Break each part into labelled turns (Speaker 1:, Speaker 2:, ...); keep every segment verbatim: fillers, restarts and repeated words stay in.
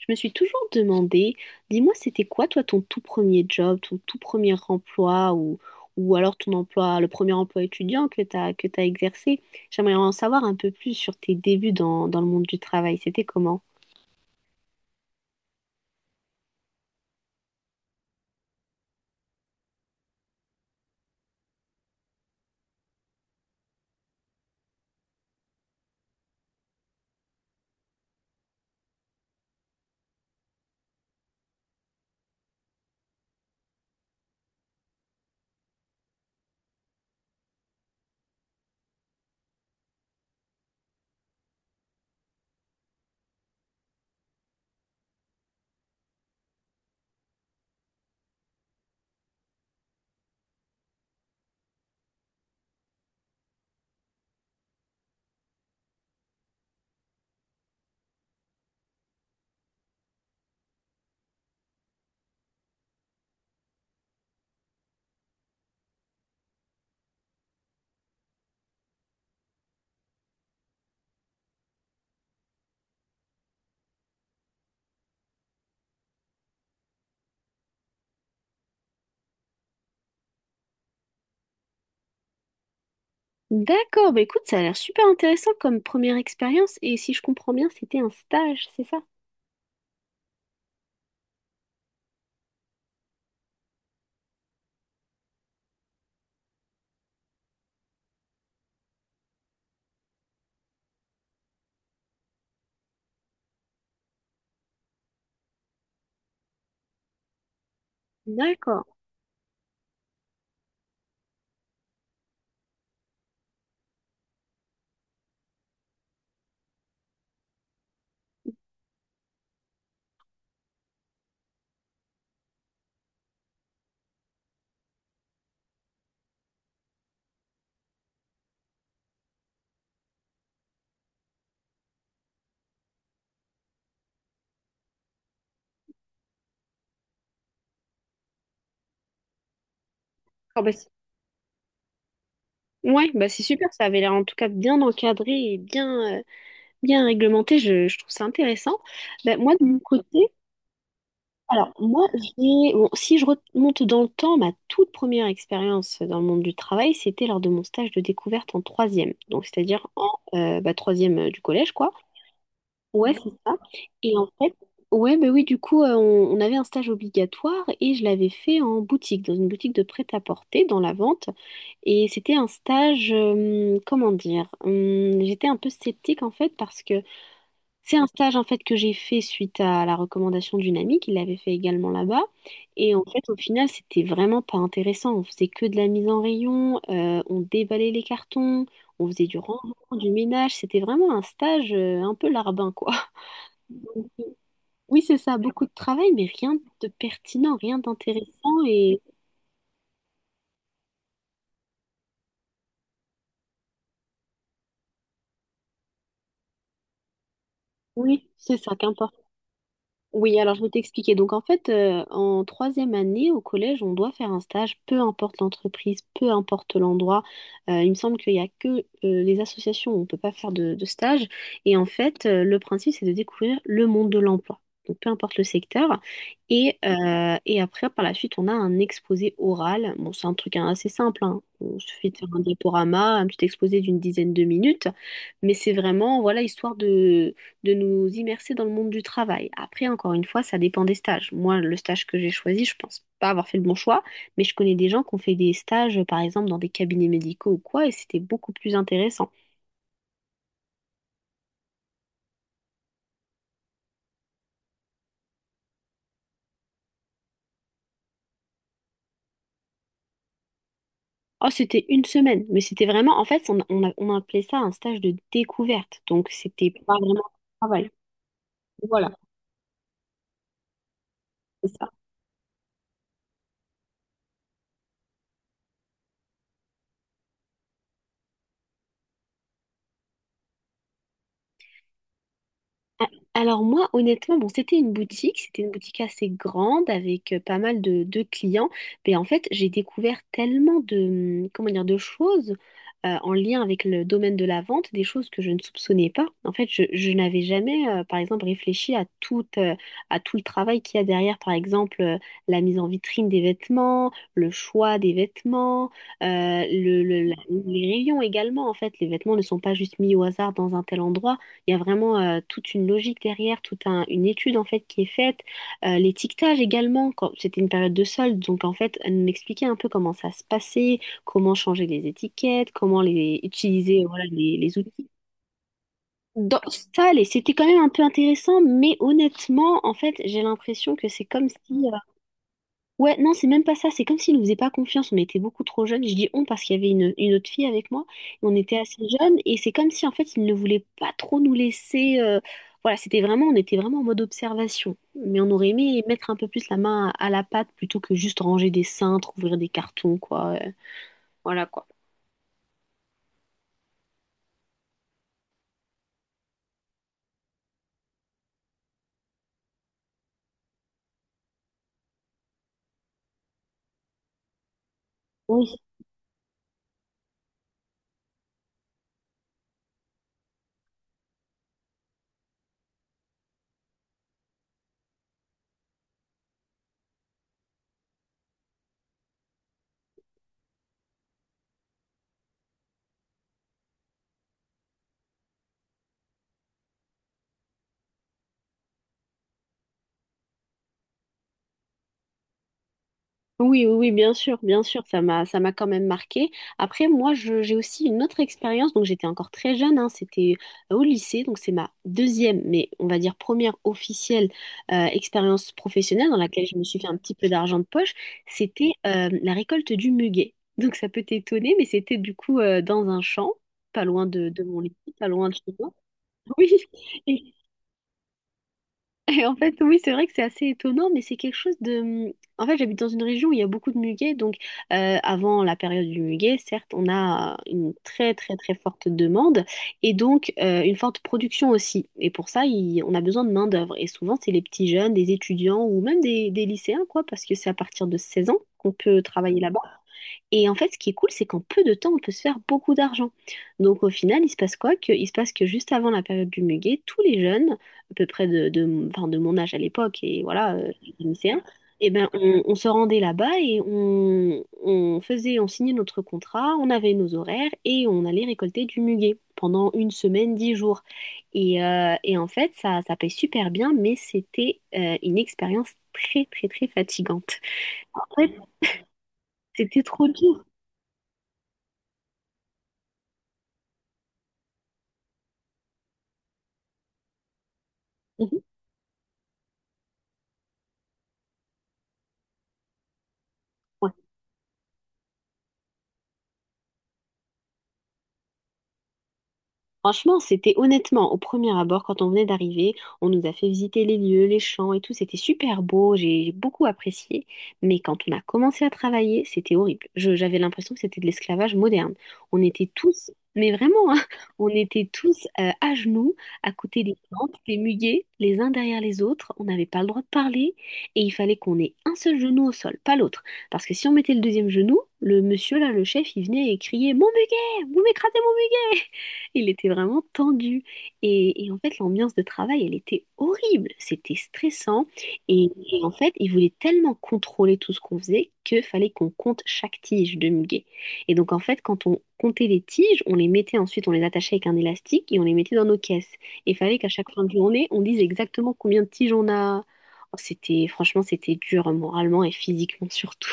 Speaker 1: Je me suis toujours demandé, dis-moi, c'était quoi toi ton tout premier job, ton tout premier emploi ou, ou alors ton emploi, le premier emploi étudiant que t'as que t'as exercé? J'aimerais en savoir un peu plus sur tes débuts dans, dans le monde du travail. C'était comment? D'accord, bah écoute, ça a l'air super intéressant comme première expérience et si je comprends bien, c'était un stage, c'est ça? D'accord. Ah bah, c'est- ouais, bah c'est super, ça avait l'air en tout cas bien encadré et bien, euh, bien réglementé, je, je trouve ça intéressant. Bah, moi, de mon côté, alors, moi, j'ai- bon, si je remonte dans le temps, ma toute première expérience dans le monde du travail, c'était lors de mon stage de découverte en troisième. Donc, c'est-à-dire en euh, bah, troisième euh, du collège, quoi. Ouais, c'est ça. Et en fait, ouais, bah oui, du coup, euh, on, on avait un stage obligatoire et je l'avais fait en boutique, dans une boutique de prêt-à-porter, dans la vente. Et c'était un stage, euh, comment dire, hum, j'étais un peu sceptique en fait parce que c'est un stage en fait que j'ai fait suite à la recommandation d'une amie qui l'avait fait également là-bas. Et en fait, au final, c'était vraiment pas intéressant. On faisait que de la mise en rayon, euh, on déballait les cartons, on faisait du rangement, du ménage. C'était vraiment un stage euh, un peu larbin, quoi. Oui, c'est ça, beaucoup de travail, mais rien de pertinent, rien d'intéressant. Et oui, c'est ça, qu'un... Oui, alors je vais t'expliquer. Donc en fait, euh, en troisième année au collège, on doit faire un stage, peu importe l'entreprise, peu importe l'endroit. Euh, il me semble qu'il n'y a que euh, les associations où on ne peut pas faire de, de stage. Et en fait, euh, le principe, c'est de découvrir le monde de l'emploi. Donc peu importe le secteur. Et, euh, et après, par la suite, on a un exposé oral. Bon, c'est un truc hein, assez simple, hein. Il suffit de faire un diaporama, un petit exposé d'une dizaine de minutes. Mais c'est vraiment, voilà, histoire de nous immerser dans le monde du travail. Après, encore une fois, ça dépend des stages. Moi, le stage que j'ai choisi, je pense pas avoir fait le bon choix, mais je connais des gens qui ont fait des stages, euh, par exemple, dans des cabinets médicaux ou quoi, et c'était beaucoup plus intéressant. Oh, c'était une semaine, mais c'était vraiment, en fait, on, on a- on appelait ça un stage de découverte, donc c'était pas vraiment du travail. Voilà, c'est ça. A- Alors moi, honnêtement, bon, c'était une boutique, c'était une boutique assez grande avec euh, pas mal de, de clients, mais en fait, j'ai découvert tellement de, hum, comment dire, de choses euh, en lien avec le domaine de la vente, des choses que je ne soupçonnais pas. En fait, je, je n'avais jamais, euh, par exemple, réfléchi à tout, euh, à tout le travail qu'il y a derrière, par exemple, euh, la mise en vitrine des vêtements, le choix des vêtements, euh, le, le- la- les rayons également. En fait, les vêtements ne sont pas juste mis au hasard dans un tel endroit. Il y a vraiment euh, toute une logique derrière, toute un- une étude en fait qui est faite. Euh, l'étiquetage également, quand c'était une période de solde, donc en fait, elle m'expliquait un peu comment ça se passait, comment changer les étiquettes, comment les utiliser, voilà, les, les outils. Dans ça, allez, c'était quand même un peu intéressant, mais honnêtement, en fait, j'ai l'impression que c'est comme si euh, ouais, non, c'est même pas ça. C'est comme s'il nous faisaient pas confiance. On était beaucoup trop jeunes. Je dis on parce qu'il y avait une, une autre fille avec moi. Et on était assez jeunes. Et c'est comme si, en fait, ils ne voulaient pas trop nous laisser. euh, Voilà, c'était vraiment, on était vraiment en mode observation. Mais on aurait aimé mettre un peu plus la main à, à la pâte plutôt que juste ranger des cintres, ouvrir des cartons, quoi. euh, Voilà, quoi. Oui, oui, oui, bien sûr, bien sûr, ça m'a, ça m'a quand même marqué. Après, moi, je- j'ai aussi une autre expérience, donc j'étais encore très jeune, hein, c'était euh, au lycée, donc c'est ma deuxième, mais on va dire première officielle euh, expérience professionnelle dans laquelle je me suis fait un petit peu d'argent de poche, c'était euh, la récolte du muguet. Donc ça peut t'étonner, mais c'était du coup euh, dans un champ, pas loin de, de mon lycée, pas loin de chez moi. Oui, et en fait, oui, c'est vrai que c'est assez étonnant, mais c'est quelque chose de... mmh, en fait, j'habite dans une région où il y a beaucoup de muguet, donc euh, avant la période du muguet, certes, on a une très très très forte demande et donc euh, une forte production aussi. Et pour ça, il- on a besoin de main-d'œuvre. Et souvent, c'est les petits jeunes, des étudiants ou même des, des lycéens, quoi, parce que c'est à partir de seize ans qu'on peut travailler là-bas. Et en fait, ce qui est cool, c'est qu'en peu de temps, on peut se faire beaucoup d'argent. Donc au final, il se passe quoi? Que, il se passe que juste avant la période du muguet, tous les jeunes à peu près de, de, enfin, de mon âge à l'époque, et voilà, euh, lycéen, et ben, on, on se rendait là-bas et on, on faisait, on signait notre contrat, on avait nos horaires et on allait récolter du muguet pendant une semaine, dix jours. Et, euh, et en fait, ça, ça paye super bien, mais c'était euh, une expérience très, très, très fatigante. En fait, c'était trop dur. Mhm. Franchement, c'était honnêtement, au premier abord, quand on venait d'arriver, on nous a fait visiter les lieux, les champs et tout, c'était super beau, j'ai j'ai beaucoup apprécié, mais quand on a commencé à travailler, c'était horrible. Je- j'avais l'impression que c'était de l'esclavage moderne. On était tous, mais vraiment, hein, on était tous euh, à genoux, à côté des plantes, des muguets, les uns derrière les autres, on n'avait pas le droit de parler, et il fallait qu'on ait un seul genou au sol, pas l'autre. Parce que si on mettait le deuxième genou, le monsieur là, le chef, il venait et criait : « Mon muguet, vous m'écrasez. » Il était vraiment tendu. Et, et en fait, l'ambiance de travail, elle était horrible. C'était stressant. Et, et en fait, il voulait tellement contrôler tout ce qu'on faisait que fallait qu'on compte chaque tige de muguet. Et donc, en fait, quand on comptait les tiges, on les mettait ensuite, on les attachait avec un élastique et on les mettait dans nos caisses. Et il fallait qu'à chaque fin de journée, on dise exactement combien de tiges on a. Oh, c'était, franchement, c'était dur hein, moralement et physiquement surtout.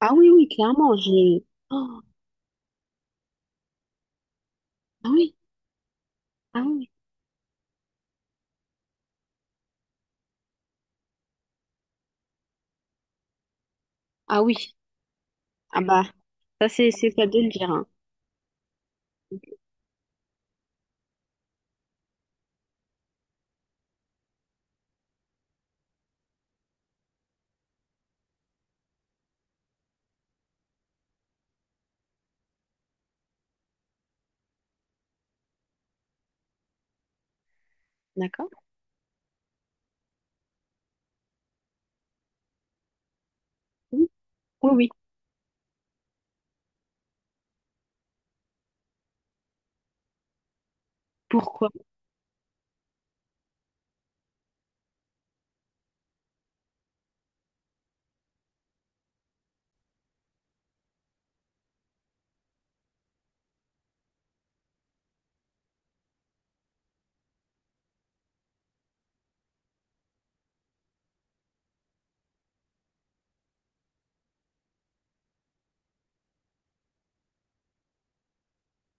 Speaker 1: Ah oui, oui, clairement, j'ai... Oh, ah oui, ah oui, ah oui. Ah bah, ça, c'est c'est ça de le dire, hein. D'accord? Oui, oui. Oui. Pourquoi?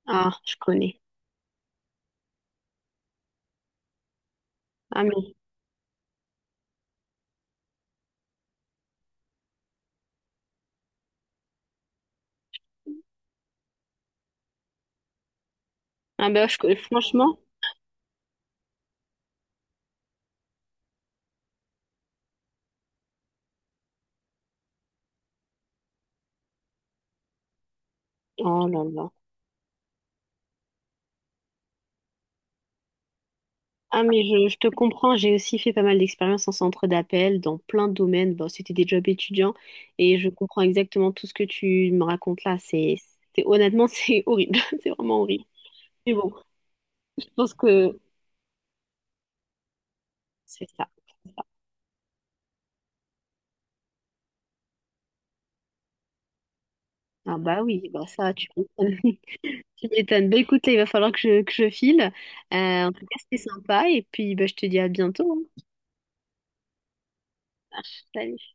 Speaker 1: Ah, je connais. Ah, mais. Ah, ben, je connais. Franchement. Oh là là. Ah mais je, je te comprends, j'ai aussi fait pas mal d'expériences en centre d'appel dans plein de domaines. Bon, c'était des jobs étudiants et je comprends exactement tout ce que tu me racontes là. C'est, c'est- honnêtement, c'est horrible, c'est vraiment horrible. Mais bon, je pense que c'est ça. C'est ça. Ah bah oui, bah ça, tu m'étonnes. Tu m'étonnes. Bah écoute, là, il va falloir que je, que je file. Euh, En tout cas, c'était sympa et puis bah, je te dis à bientôt, hein. Ah, salut.